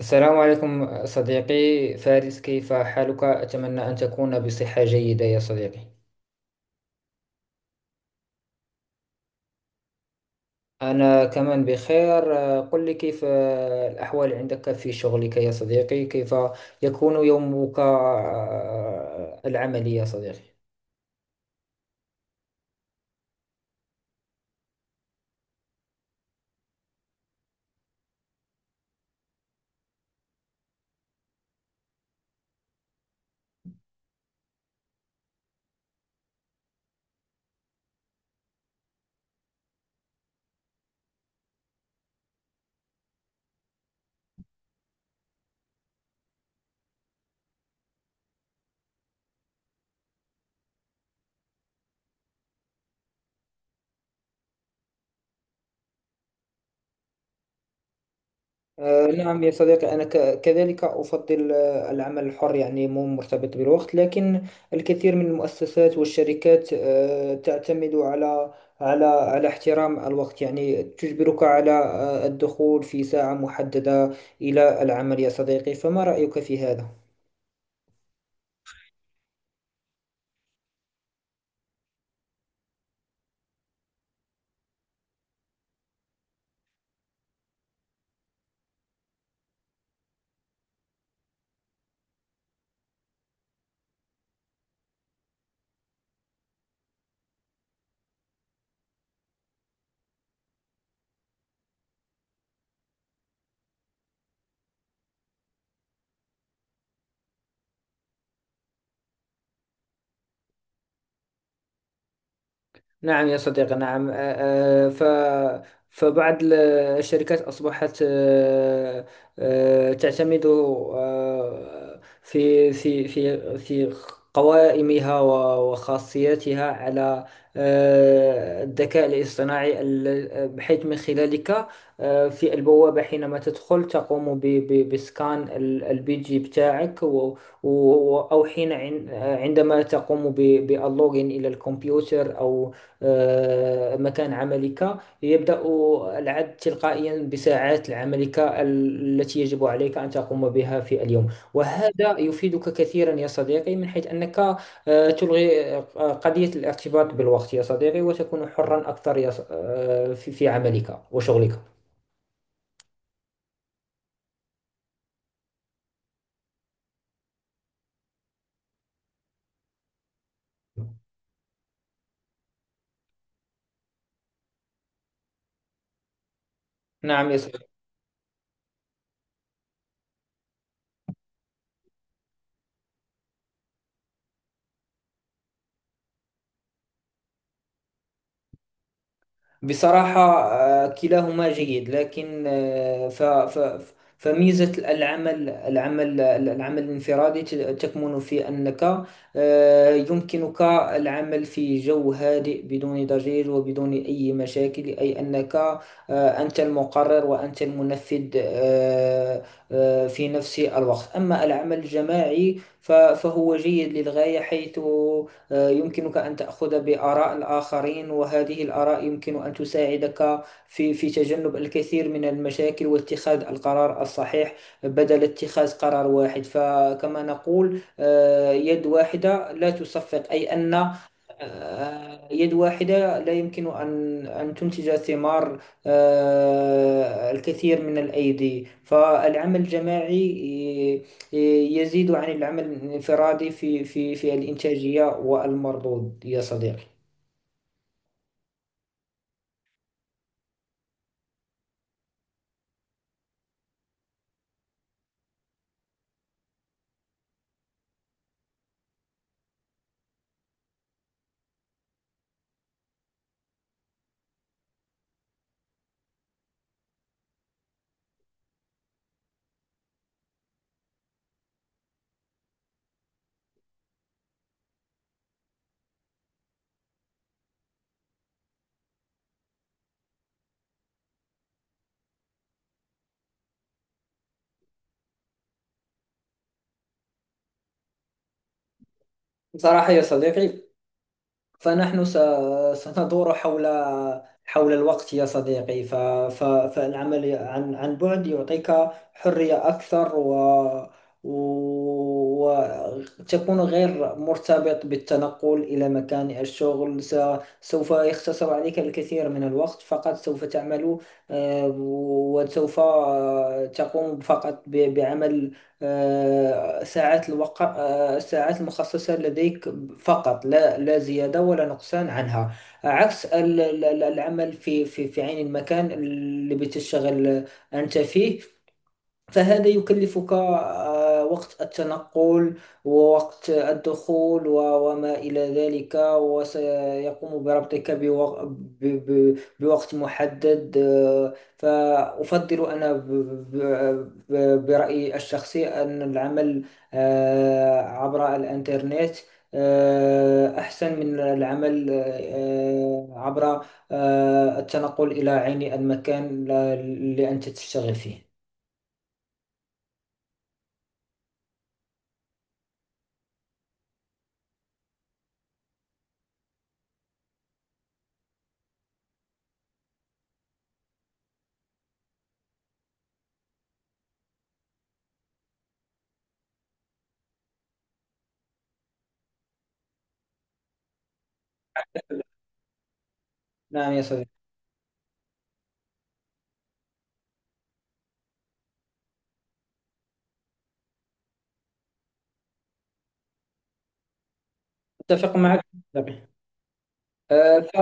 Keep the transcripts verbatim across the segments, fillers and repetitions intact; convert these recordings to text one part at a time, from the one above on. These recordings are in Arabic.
السلام عليكم صديقي فارس، كيف حالك؟ أتمنى أن تكون بصحة جيدة يا صديقي. أنا كمان بخير. آه، قل لي، كيف آه، الأحوال عندك في شغلك يا صديقي؟ كيف يكون يومك آه، العملي يا صديقي؟ آه، نعم يا صديقي، أنا ك- كذلك أفضل آه، العمل الحر، يعني مو مرتبط بالوقت، لكن الكثير من المؤسسات والشركات آه، تعتمد على على على احترام الوقت، يعني تجبرك على آه، الدخول في ساعة محددة إلى العمل يا صديقي. فما رأيك في هذا؟ نعم يا صديقي، نعم. آه، آه، ف فبعض ال- الشركات أصبحت آه، آه، تعتمد آه، في في في في قوائمها و- وخاصياتها على آه، الذكاء الاصطناعي، ال- بحيث من خلالك آه، في البوابة حينما تدخل تقوم ب- ب- بسكان ال- البيجي بتاعك، و- و- أو حين عن- عندما تقوم ب- باللوجين إلى الكمبيوتر أو آه، مكان عملك، يبدأ العد تلقائيا بساعات عملك ال- التي يجب عليك أن تقوم بها في اليوم. وهذا يفيدك كثيرا يا صديقي، من حيث أنك آه، تلغي آه، قضية الارتباط بالوقت يا صديقي، وتكون حرا أكثر يا ص- آه، في في عملك وشغلك. نعم يا صديقي. بصراحة آه، كلاهما جيد، لكن آه، ف ف فميزة العمل العمل العمل الانفرادي ت- تكمن في أنك آه، يمكنك العمل في جو هادئ بدون ضجيج وبدون أي مشاكل، أي أنك آه، أنت المقرر وأنت المنفذ آه، آه، في نفس الوقت. أما العمل الجماعي ف- فهو جيد للغاية، حيث آه، يمكنك أن تأخذ بآراء الآخرين، وهذه الآراء يمكن أن تساعدك في في تجنب الكثير من المشاكل واتخاذ القرار الصحيح بدل اتخاذ قرار واحد. فكما نقول آه، يد واحدة لا تصفق، أي أن آه، يد واحدة لا يمكن أن أن تنتج ثمار آه، الكثير من الأيدي. فالعمل الجماعي يزيد عن العمل الانفرادي في في في الإنتاجية والمردود يا صديقي. بصراحة يا صديقي، فنحن س- سندور حول حول الوقت يا صديقي. ف- ف- فالعمل عن عن بعد يعطيك حرية أكثر، و وتكون غير مرتبط بالتنقل إلى مكان الشغل. س- سوف يختصر عليك الكثير من الوقت، فقط سوف تعمل آه، وسوف آه، تقوم فقط ب- بعمل آه، ساعات الوقت الساعات المخصصة لديك فقط، لا لا زيادة ولا نقصان عنها. عكس ال- ال- ال- العمل في في في عين المكان اللي بتشتغل أنت فيه، فهذا يكلفك آه، وقت التنقل ووقت الدخول و- وما إلى ذلك، وسيقوم بربطك بوق- ب- ب- بوقت محدد. آه، فأفضل أنا ب- ب- ب- برأيي الشخصي أن العمل آه، عبر الإنترنت آه، أحسن من العمل آه، عبر آه، التنقل إلى عين المكان ل- لأنت تشتغل فيه. نعم يا صديقي، اتفق معك بالطبع. آه، ف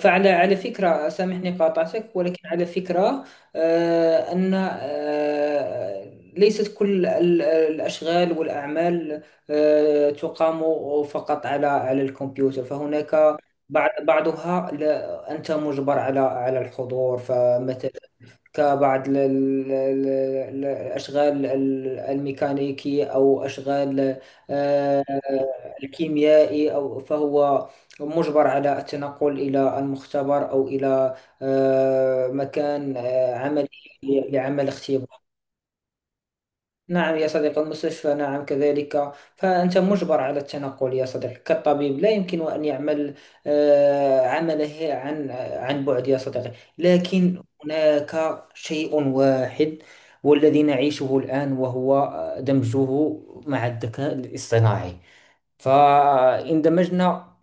فعلى على فكرة، سامحني قاطعتك، ولكن على فكرة آه، أن آه، ليست كل ال- الأشغال والأعمال آه، تقام فقط على على الكمبيوتر. فهناك بعض بعضها لا، أنت مجبر على على الحضور، فمثلا كبعض ال- ال- ال- ال- الأشغال ال- الميكانيكية أو أشغال آه، الكيميائي، أو فهو مجبر على التنقل إلى المختبر أو إلى آه، مكان آه، عملي لعمل اختبار. نعم يا صديقي، المستشفى، نعم كذلك. فأنت مجبر على التنقل يا صديقي، كالطبيب لا يمكن أن يعمل آه، عمله عن عن بعد يا صديقي. لكن هناك شيء واحد والذي نعيشه الآن، وهو آه، دمجه مع الذكاء الاصطناعي. فإن دمجنا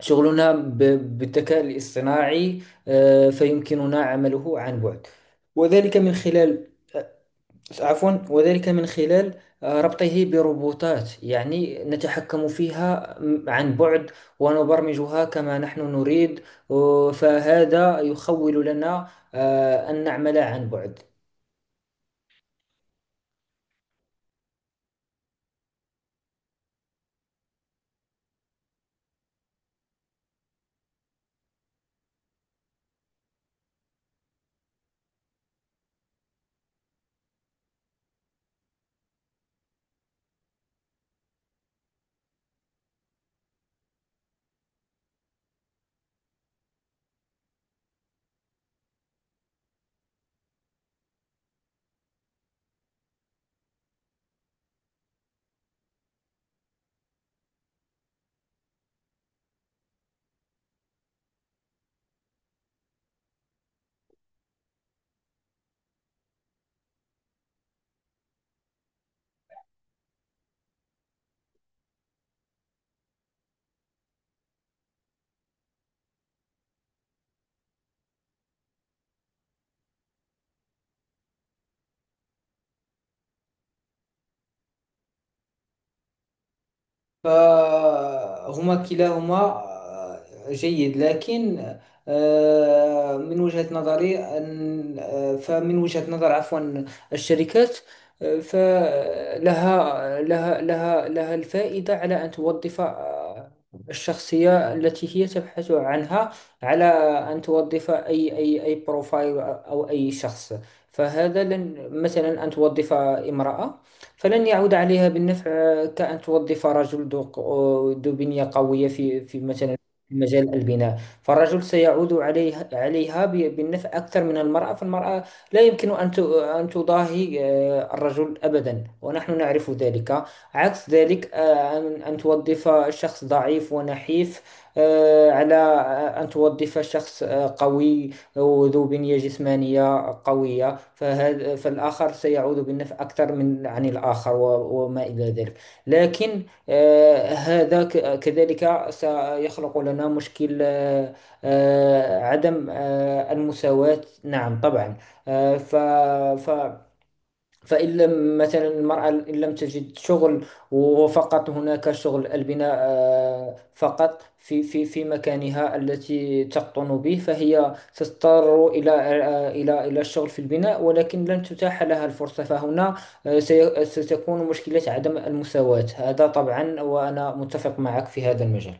شغلنا ب- بالذكاء الاصطناعي آه، فيمكننا عمله عن بعد، وذلك من خلال، عفوا، وذلك من خلال آه، ربطه بروبوتات، يعني نتحكم فيها م- عن بعد ونبرمجها كما نحن نريد. آه، فهذا يخول لنا آه، أن نعمل عن بعد. فهما كلاهما آه، جيد، لكن آه، من وجهة نظري أن آه، فمن وجهة نظر، عفوا، الشركات، آه، فلها لها لها لها الفائدة على أن توظف آه، الشخصية التي هي تبحث عنها، على أن توظف أي أي أي بروفايل أو أي شخص. فهذا، لن مثلا أن توظف امرأة فلن يعود عليها بالنفع، آه، كأن توظف رجل ذو ق- ذو بنية قوية في في مثلا في مجال البناء، فالرجل سيعود عليها عليها ب- بالنفع أكثر من المرأة. فالمرأة لا يمكن أن ت- أن تضاهي آه، الرجل أبدا، ونحن نعرف ذلك. عكس ذلك آه، أن أن توظف شخص ضعيف ونحيف آه، على آه، أن توظف شخص آه، قوي وذو بنية جسمانية قوية، فهذا، فالآخر سيعود بالنفع أكثر من عن الآخر، و- وما إلى ذلك. لكن آه، هذا ك- كذلك سيخلق لنا مشكل آه، آه، عدم آه، المساواة، نعم طبعا. آه، ف ف- فإن لم مثلا المرأة إن لم تجد شغل، وفقط هناك شغل البناء آه، فقط في في في مكانها التي تقطن به، فهي تضطر إلى آه، إلى إلى الشغل في البناء، ولكن لن تتاح لها الفرصة. فهنا آه، سي- ستكون مشكلة عدم المساواة، هذا طبعا، وأنا متفق معك في هذا المجال.